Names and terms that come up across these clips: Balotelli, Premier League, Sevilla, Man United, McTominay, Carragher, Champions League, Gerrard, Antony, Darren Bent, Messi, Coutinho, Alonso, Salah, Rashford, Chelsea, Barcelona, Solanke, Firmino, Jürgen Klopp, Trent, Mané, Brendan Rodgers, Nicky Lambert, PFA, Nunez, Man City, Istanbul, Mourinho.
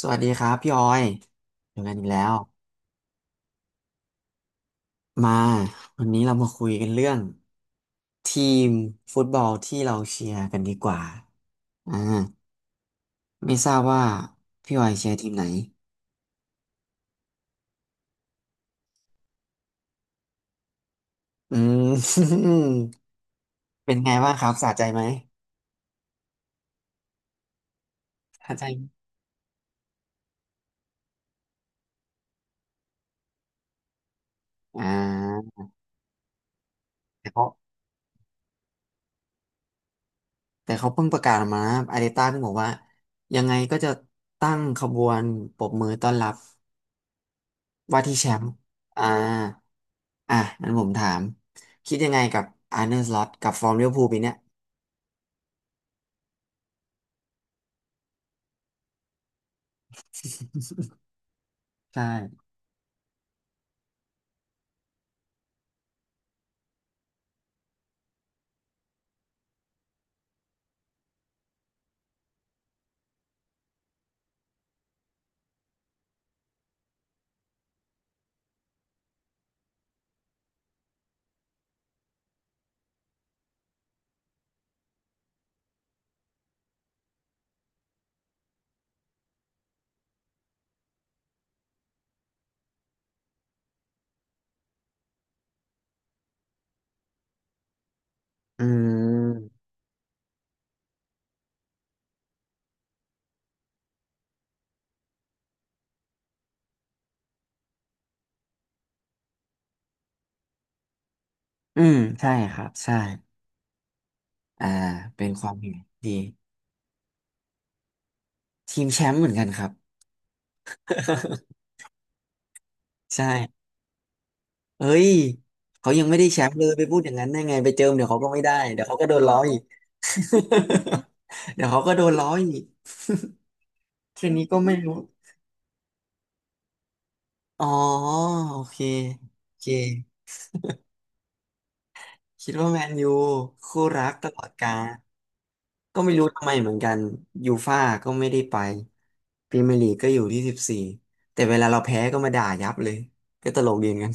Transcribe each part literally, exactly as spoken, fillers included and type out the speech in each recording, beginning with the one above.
สวัสดีครับพี่ออยเจอกันอีกแล้ว มาวันนี้เรามาคุยกันเรื่องทีมฟุตบอลที่เราเชียร์กันดีกว่าอ่าไม่ทราบว่าพี่ออยเชียร์ทีมไหนอืม เป็นไงบ้างครับสะใจไหมสะใจไหมอ่าแต่เขาแต่เขาเพิ่งประกาศออกมานะอาร์เตต้าเพิ่งบอกว่ายังไงก็จะตั้งขบวนปรบมือต้อนรับว่าที่แชมป์อ่า อ่ะงั้นผมถามคิดยังไงกับอาร์เน l สล็อตกับฟอร์มลิเวอร์พูลปีเนี้ย ใช่อืมอืมใช่ครับใช่อ่าเป็นความเห็นดีทีมแชมป์เหมือนกันครับ ใช่เฮ้ยเขายังไม่ได้แชมป์เลยไปพูดอย่างนั้นได้ไงไปเจิมเดี๋ยวเขาก็ไม่ได้เดี๋ยวเขาก็โดนล้ออีก เดี๋ยวเขาก็โดนล้ออีกแค่นี้ก็ไม่รู้อ๋อโอเคโอเคคิดว่าแมนยูคู่รักตลอดกาล ก็ไม่รู้ทำไมเหมือนกันยูฟ่าก็ไม่ได้ไปพรีเมียร์ลีกก็อยู่ที่สิบสี่แต่เวลาเราแพ้ก็มาด่ายับเลยก็ตลกดีเหมือนกัน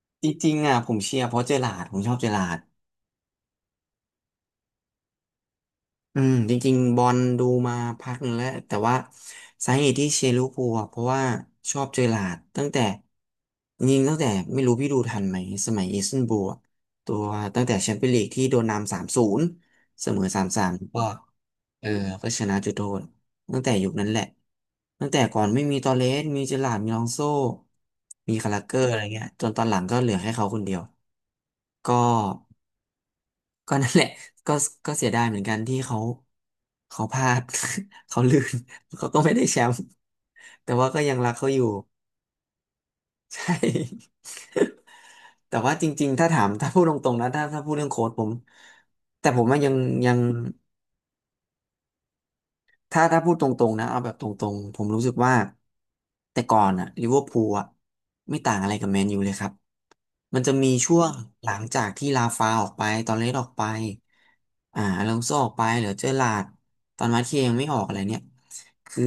จริงๆอ่ะผมเชียร์เพราะเจอร์ราร์ดผมชอบเจอร์ราร์ด อืมจริงๆบอลดูมาพักหนึ่งแล้วแต่ว่าสาเหตุที่เชียร์ลิเวอร์พูลอะเพราะว่าชอบเจอหลาร์ดตั้งแต่จริงๆตั้งแต่ไม่รู้พี่ดูทันไหมสมัยอิสตันบูลอะตัวตั้งแต่แชมเปี้ยนลีกที่โดนนำสามศูนย์เสมอสามสามก็เออก็ชนะจุดโทษตั้งแต่ยุคนั้นแหละตั้งแต่ก่อนไม่มีตอเรสมีเจอหลาร์ดมีอลองโซมีคาราเกอร์อะไรเงี้ยจนตอนหลังก็เหลือให้เขาคนเดียวก็ ก็นั่นแหละ ก็ก็เสียดายเหมือนกันที่เขาเขาพลาด เขาลื่น เขาก็ไม่ได้แชมป์ แต่ว่าก็ยังรักเขาอยู่ ใช่ แต่ว่าจริงๆถ้าถามถ้าพูดตรงๆนะถ้าถ้าพูดเรื่องโค้ชผมแต่ผมว่ายังยังถ้าถ้าพูดตรงๆนะเอาแบบตรงๆผมรู้สึกว่าแต่ก่อนอะลิเวอร์พูลอะไม่ต่างอะไรกับแมนยูเลยครับ มันจะมีช่วงหลังจากที่ลาฟาออกไปตอนเลสออกไปอ่าอลองโซออกไปเหลือเจอร์ลาร์ดตอนมาร์เทียยังไม่ออกอะไรเนี่ยคือ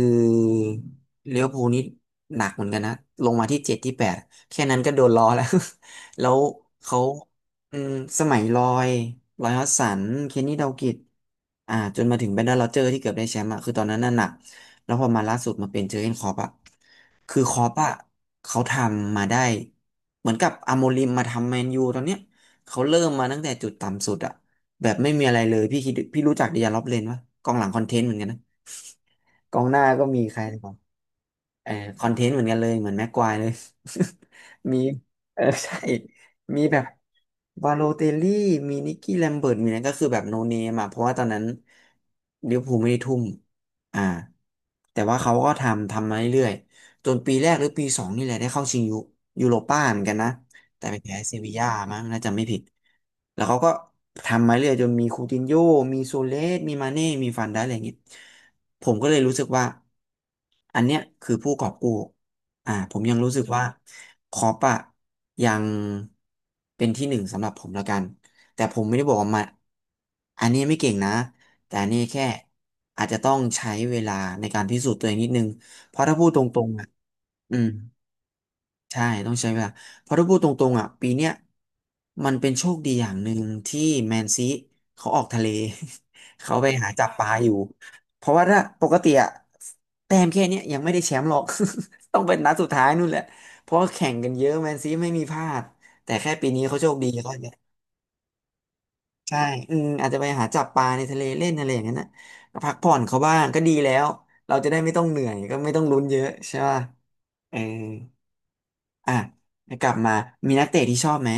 เลี้ยวภูลนี่หนักเหมือนกันนะลงมาที่เจ็ดที่แปดแค่นั้นก็โดนล้อแล้ว แล้วเขาอืมสมัยลอยลอยฮอสสันเคนนี่ดาวกิชอ่าจนมาถึงแบรนดอน rodgers อร์ที่เกือบได้แชมป์อะคือตอนนั้นน่ะหนักแล้วพอมาล่าสุดมาเป็นเจอร์เก้นคล็อปอะคือคล็อปอะเขาทำมาได้ เหมือนกับอาโมริมมาทำแมนยูตอนเนี้ยเขาเริ่มมาตั้งแต่จุดต่ำสุดอะแบบไม่มีอะไรเลยพี่คิดพี่รู้จักเดียร์ล็อบเลนปะกองหลังคอนเทนต์เหมือนกันนะกองหน้าก็มีใคร เออคอนเทนต์เหมือนกันเลยเหมือนแม็กควายเลย มีเออใช่มีแบบวาโลเตลลี่มีนิกกี้แลมเบิร์ตมีนั้นก็คือแบบโนเนมอ่ะเพราะว่าตอนนั้นลิเวอร์พูลไม่ได้ทุ่มอ่าแต่ว่าเขาก็ทำทำมาเรื่อยๆจนปีแรกหรือปีสองนี่แหละได้เข้าชิงยูยูโรป้าเหมือนกันนะแต่ไปแพ้เซบีย่ามั้งน่าจะไม่ผิดแล้วเขาก็ทำมาเรื่อยจนมีคูตินโญ่มีโซเลสมีมาเน่มีฟันได้อะไรอย่างงี้ ผมก็เลยรู้สึกว่าอันเนี้ยคือผู้กอบกู้อ่าผมยังรู้สึกว่าคอปอะยังเป็นที่หนึ่งสำหรับผมแล้วกันแต่ผมไม่ได้บอกว่ามาอันนี้ไม่เก่งนะแต่อันนี้แค่อาจจะต้องใช้เวลาในการพิสูจน์ตัวเองนิดนึงเพราะถ้าพูดตรงๆอะอืม ใช่ต้องใช้เวลาเพราะถ้าพูดตรงๆอ่ะปีเนี้ยมันเป็นโชคดีอย่างหนึ่งที่แมนซีเขาออกทะเล เขาไปหาจับปลาอยู่เพราะว่าถ้าปกติอ่ะแต้มแค่เนี้ยยังไม่ได้แชมป์หรอก ต้องเป็นนัดสุดท้ายนู่นแหละเพราะว่าแข่งกันเยอะแมนซีไม่มีพลาดแต่แค่ปีนี้เขาโชคดีเขาเนี่ยใช่อืมอาจจะไปหาจับปลาในทะเลเล่นอะไรอย่างนั้นนะพักผ่อนเขาบ้างก็ดีแล้วเราจะได้ไม่ต้องเหนื่อยก็ไม่ต้องลุ้นเยอะใช่ป่ะเออ อ่ะกลับมามีนักเตะที่ชอบไหม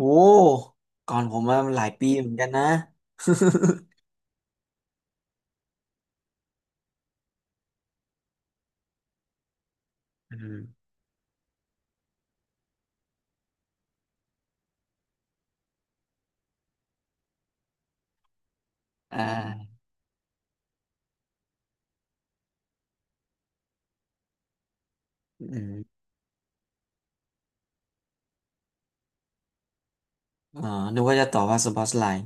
โอ้ก่อนผมมาหลายปีเหมือนกันนะ อืมอ่าอืมอ๋อนึกว่าจะตอบว่าสปอตไลน์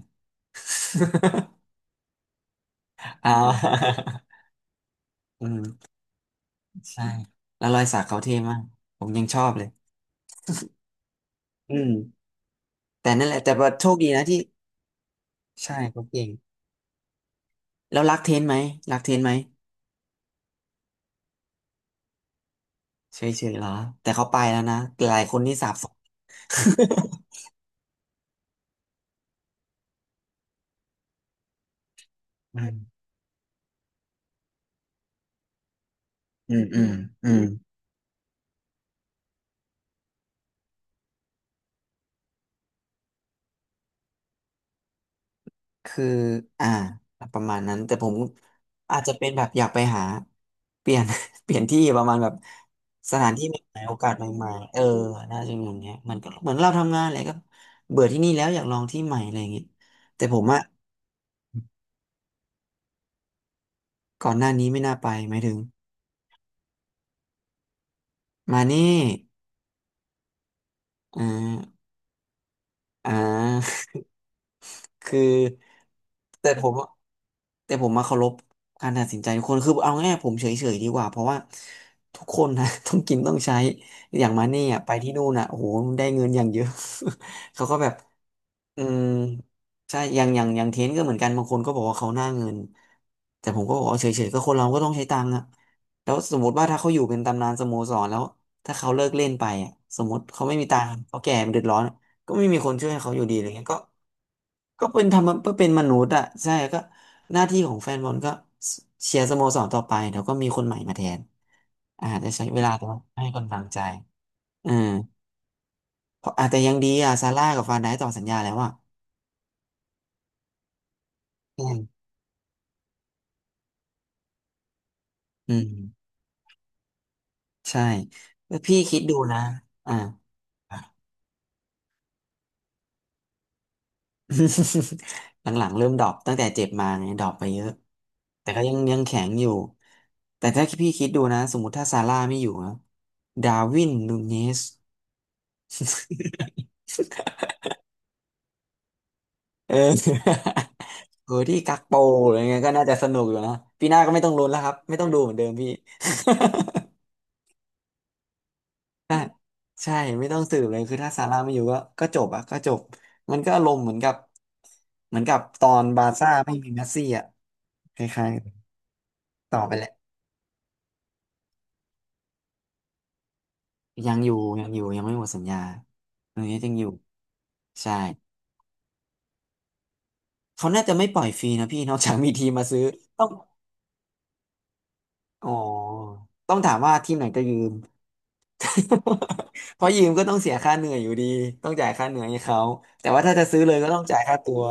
อ่า อืมใช่แล้วรอยสักเขาเท่มากผมยังชอบเลยอืมแต่นั่นแหละแต่ว่าโชคดีนะที่ ใช่เขาเก่งแล้วรักเทนไหมรักเทนไหมเฉยๆเหรอแต่เขาไปแล้วนะหลายคนนี่สาปส่ง อืม อืมอืมอืม คืออ่าประมาณนั้นแต่ผมอาจจะเป็นแบบอยากไปหาเปลี่ยน เปลี่ยนที่ประมาณแบบสถานที่ใหม่ๆโอกาสใหม่ๆเออน่าจะเปนอย่างเงี้ยมันก็เหมือนเราทำงานอะไรก็เบื่อที่นี่แล้วอยากลองที่ใหม่อะไรอย่างเงี้ยแต่ผมอะก่อนหน้านี้ไม่น่าไปหมายถึงมานี่อ่าอ่า คือแต่ผมอะแต่ผมมาเคารพการตัดสินใจทุกคนคือเอาง่ายๆผมเฉยๆดีกว่าเพราะว่าทุกคนนะ ต้องกินต้องใช้อย่างมาเนี่ยไปที่นู่นอ่ะโอ้โหได้เงินอย่างเยอะ เขาก็แบบอืมใช่อย่างอย่างอย่างเทนก็เหมือนกันบางคนก็บอกว่าเขาหน้าเงินแต่ผมก็บอกว่าเฉยๆก็คนเราก็ต้องใช้ตังค์อ่ะแล้วสมมติว่าถ้าเขาอยู่เป็นตำนานสโมสรแล้วถ้าเขาเลิกเล่นไปอ่ะสมมติเขาไม่มีตังค์เขาแก่เดือดร้อนก็ไม่มีคนช่วยเขาอยู่ดีอะไรเงี้ยก็ ก็เป็นทำเพเป็นมนุษย์อ่ะใช่ก็หน้าที่ของแฟนบอลก็เชียร์สโมสรต่อไปเดี๋ยวก็มีคนใหม่มาแทนอาจจะใช้เวลาแต่ว่าให้กำลังใจอืมเพราะอาจจะยังดีอ่ะซาร่ากับฟานไดต่อสัญญาแล้วอ่ะอือืมใช่แล้วพี่คิดดูนะอ่า หลังๆเริ่มดรอปตั้งแต่เจ็บมาไงดรอปไปเยอะแต่ก็ยังยังแข็งอยู่แต่ถ้าพี่คิดดูนะสมมติถ้าซาร่าไม่อยู่นะดาร์วินนูเนส เออ โหที่กักโปอะไรเงี้ยก็น่าจะสนุกอยู่นะปีหน้าก็ไม่ต้องลุ้นแล้วครับไม่ต้องดูเหมือนเดิมพี่ ใช่ไม่ต้องสืบเลยคือถ้าซาร่าไม่อยู่ก็ก็จบอะก็จบมันก็อารมณ์เหมือนกับเหมือนกับตอนบาร์ซ่าไม่มีเมสซี่อะคล้ายๆต่อไปแหละยังอยู่ยังอยู่ยังไม่หมดสัญญาตรงนี้ยังอยู่ใช่เขาน่าจะไม่ปล่อยฟรีนะพี่ นอกจากมีทีมมาซื้อต้องอ๋อต้องถามว่าทีมไหนจะยืม เพราะยืมก็ต้องเสียค่าเหนื่อยอยู่ดี ต้องจ่ายค่าเหนื่อยให้เขาแต่ว่าถ้าจะซื้อเลยก็ต้องจ่ายค่าตัว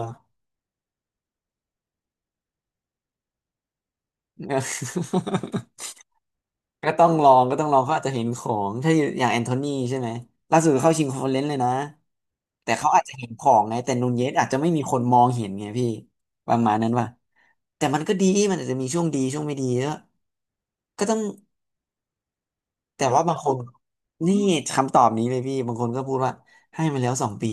ก็ต้องลองก็ต้องลองเขาอาจจะเห็นของถ้าอย่างแอนโทนีใช่ไหมล่าสุดเข้าชิงคอนเฟอเรนซ์เลยนะแต่เขาอาจจะเห็นของไง แต่นูนเยสอาจจะไม่มีคนมองเห็นไงพี่ประมาณนั้นว่ะแต่มันก็ดีมันอาจจะมีช่วงดีช่วงไม่ดีก็ก็ต้อง แต่ว่าบางคนนี่คำตอบนี้เลยพี่บางคนก็พูดว่าให้มาแล้วสองปี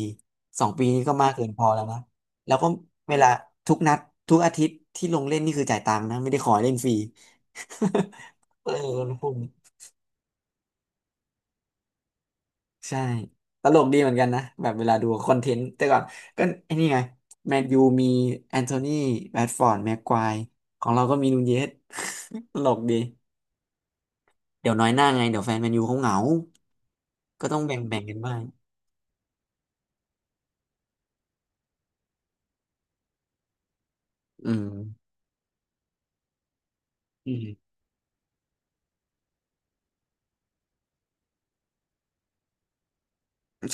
สองปีนี้ก็มากเกินพอแล้วนะแล้วก็เวลาทุกนัดทุกอาทิตย์ที่ลงเล่นนี่คือจ่ายตังค์นะไม่ได้ขอให้เล่นฟรี เออคนพวกนี้ใช่ตลกดีเหมือนกันนะแบบเวลาดูคอนเทนต์แต่ก่อนก็ไอ้นี่ไงแมนยูมีแอนโทนีแรชฟอร์ดแม็กควายของเราก็มีนูนเยส ตลกดีเดี๋ยวน้อยหน้าไงเดี๋ยวแฟนแมนยูเขาเหงาก็ต้องแบ่งแบ่งกันบ้างอืมอืม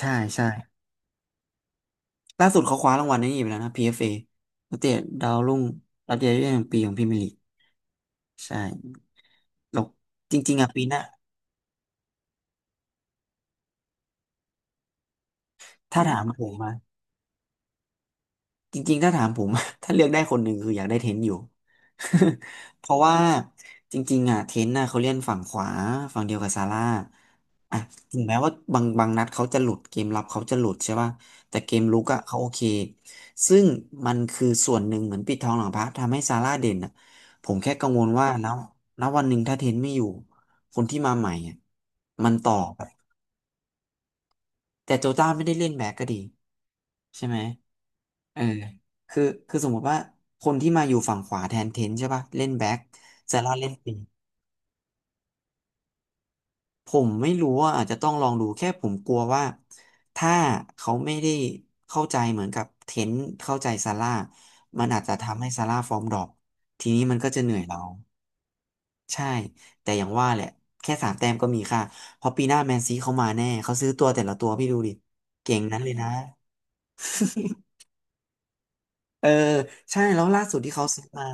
ใช่ใช่ล่าสุดเขาคว้ารางวัลนี้อีกแล้วนะ พี เอฟ เอ นักเตะดาวรุ่งรับยอดเยาวชนแห่งปีของพรีเมียร์ลีกใช่แล้วจริงๆอ่ะปีหน้าถ้าถามผมมา จริงๆถ้าถามผม ถ้าเลือกได้คนหนึ่งคืออยากได้เทนอยู่ เพราะว่าจริงๆอ่ะเทนน่ะเขาเล่นฝั่งขวาฝั่งเดียวกับซาร่าอ่ะถึงแม้ว่าบางบางนัดเขาจะหลุดเกมรับเขาจะหลุดใช่ป่ะแต่เกมลุกอ่ะเขาโอเคซึ่งมันคือส่วนหนึ่งเหมือนปิดทองหลังพระทำให้ซาร่าเด่นอ่ะผมแค่กังวลว่าแล้วณวันหนึ่งถ้าเทนไม่อยู่คนที่มาใหม่อ่ะมันต่อแบบแต่โจต้าไม่ได้เล่นแบ็คก็ดีใช่ไหม เออคือคือสมมติว่าคนที่มาอยู่ฝั่งขวาแทนเทนใช่ป่ะเล่นแบ็คซาร่าเล่นปีกผมไม่รู้ว่าอาจจะต้องลองดูแค่ผมกลัวว่าถ้าเขาไม่ได้เข้าใจเหมือนกับเทนเข้าใจซาร่ามันอาจจะทำให้ซาร่าฟอร์มดรอปทีนี้มันก็จะเหนื่อยเราใช่แต่อย่างว่าแหละแค่สามแต้มก็มีค่าเพราะปีหน้าแมนซีเขามาแน่เขาซื้อตัวแต่ละตัวพี่ดูดิเก่งนั้นเลยนะ เออใช่แล้วล่าสุดที่เขาซื้อมา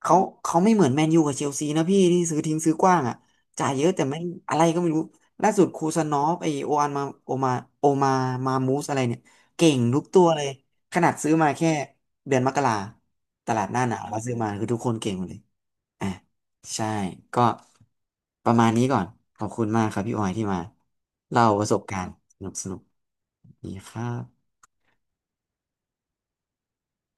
เขาเขาไม่เหมือนแมนยูกับเชลซีนะพี่ที่ซื้อทิ้งซื้อกว้างอ่ะจ่ายเยอะแต่ไม่อะไรก็ไม่รู้ล่าสุดคูซานอฟไอโออันมาโอมาโอมามามูสอะไรเนี่ยเก่งทุกตัวเลยขนาดซื้อมาแค่เดือนมกราตลาดหน้าหนาวมาซื้อมาคือทุกคนเก่งหมดเลยอ่ะใช่ก็ประมาณนี้ก่อนขอบคุณมากครับพี่ออยที่มาเล่าประสบการณ์สนุกสนุกดีครับ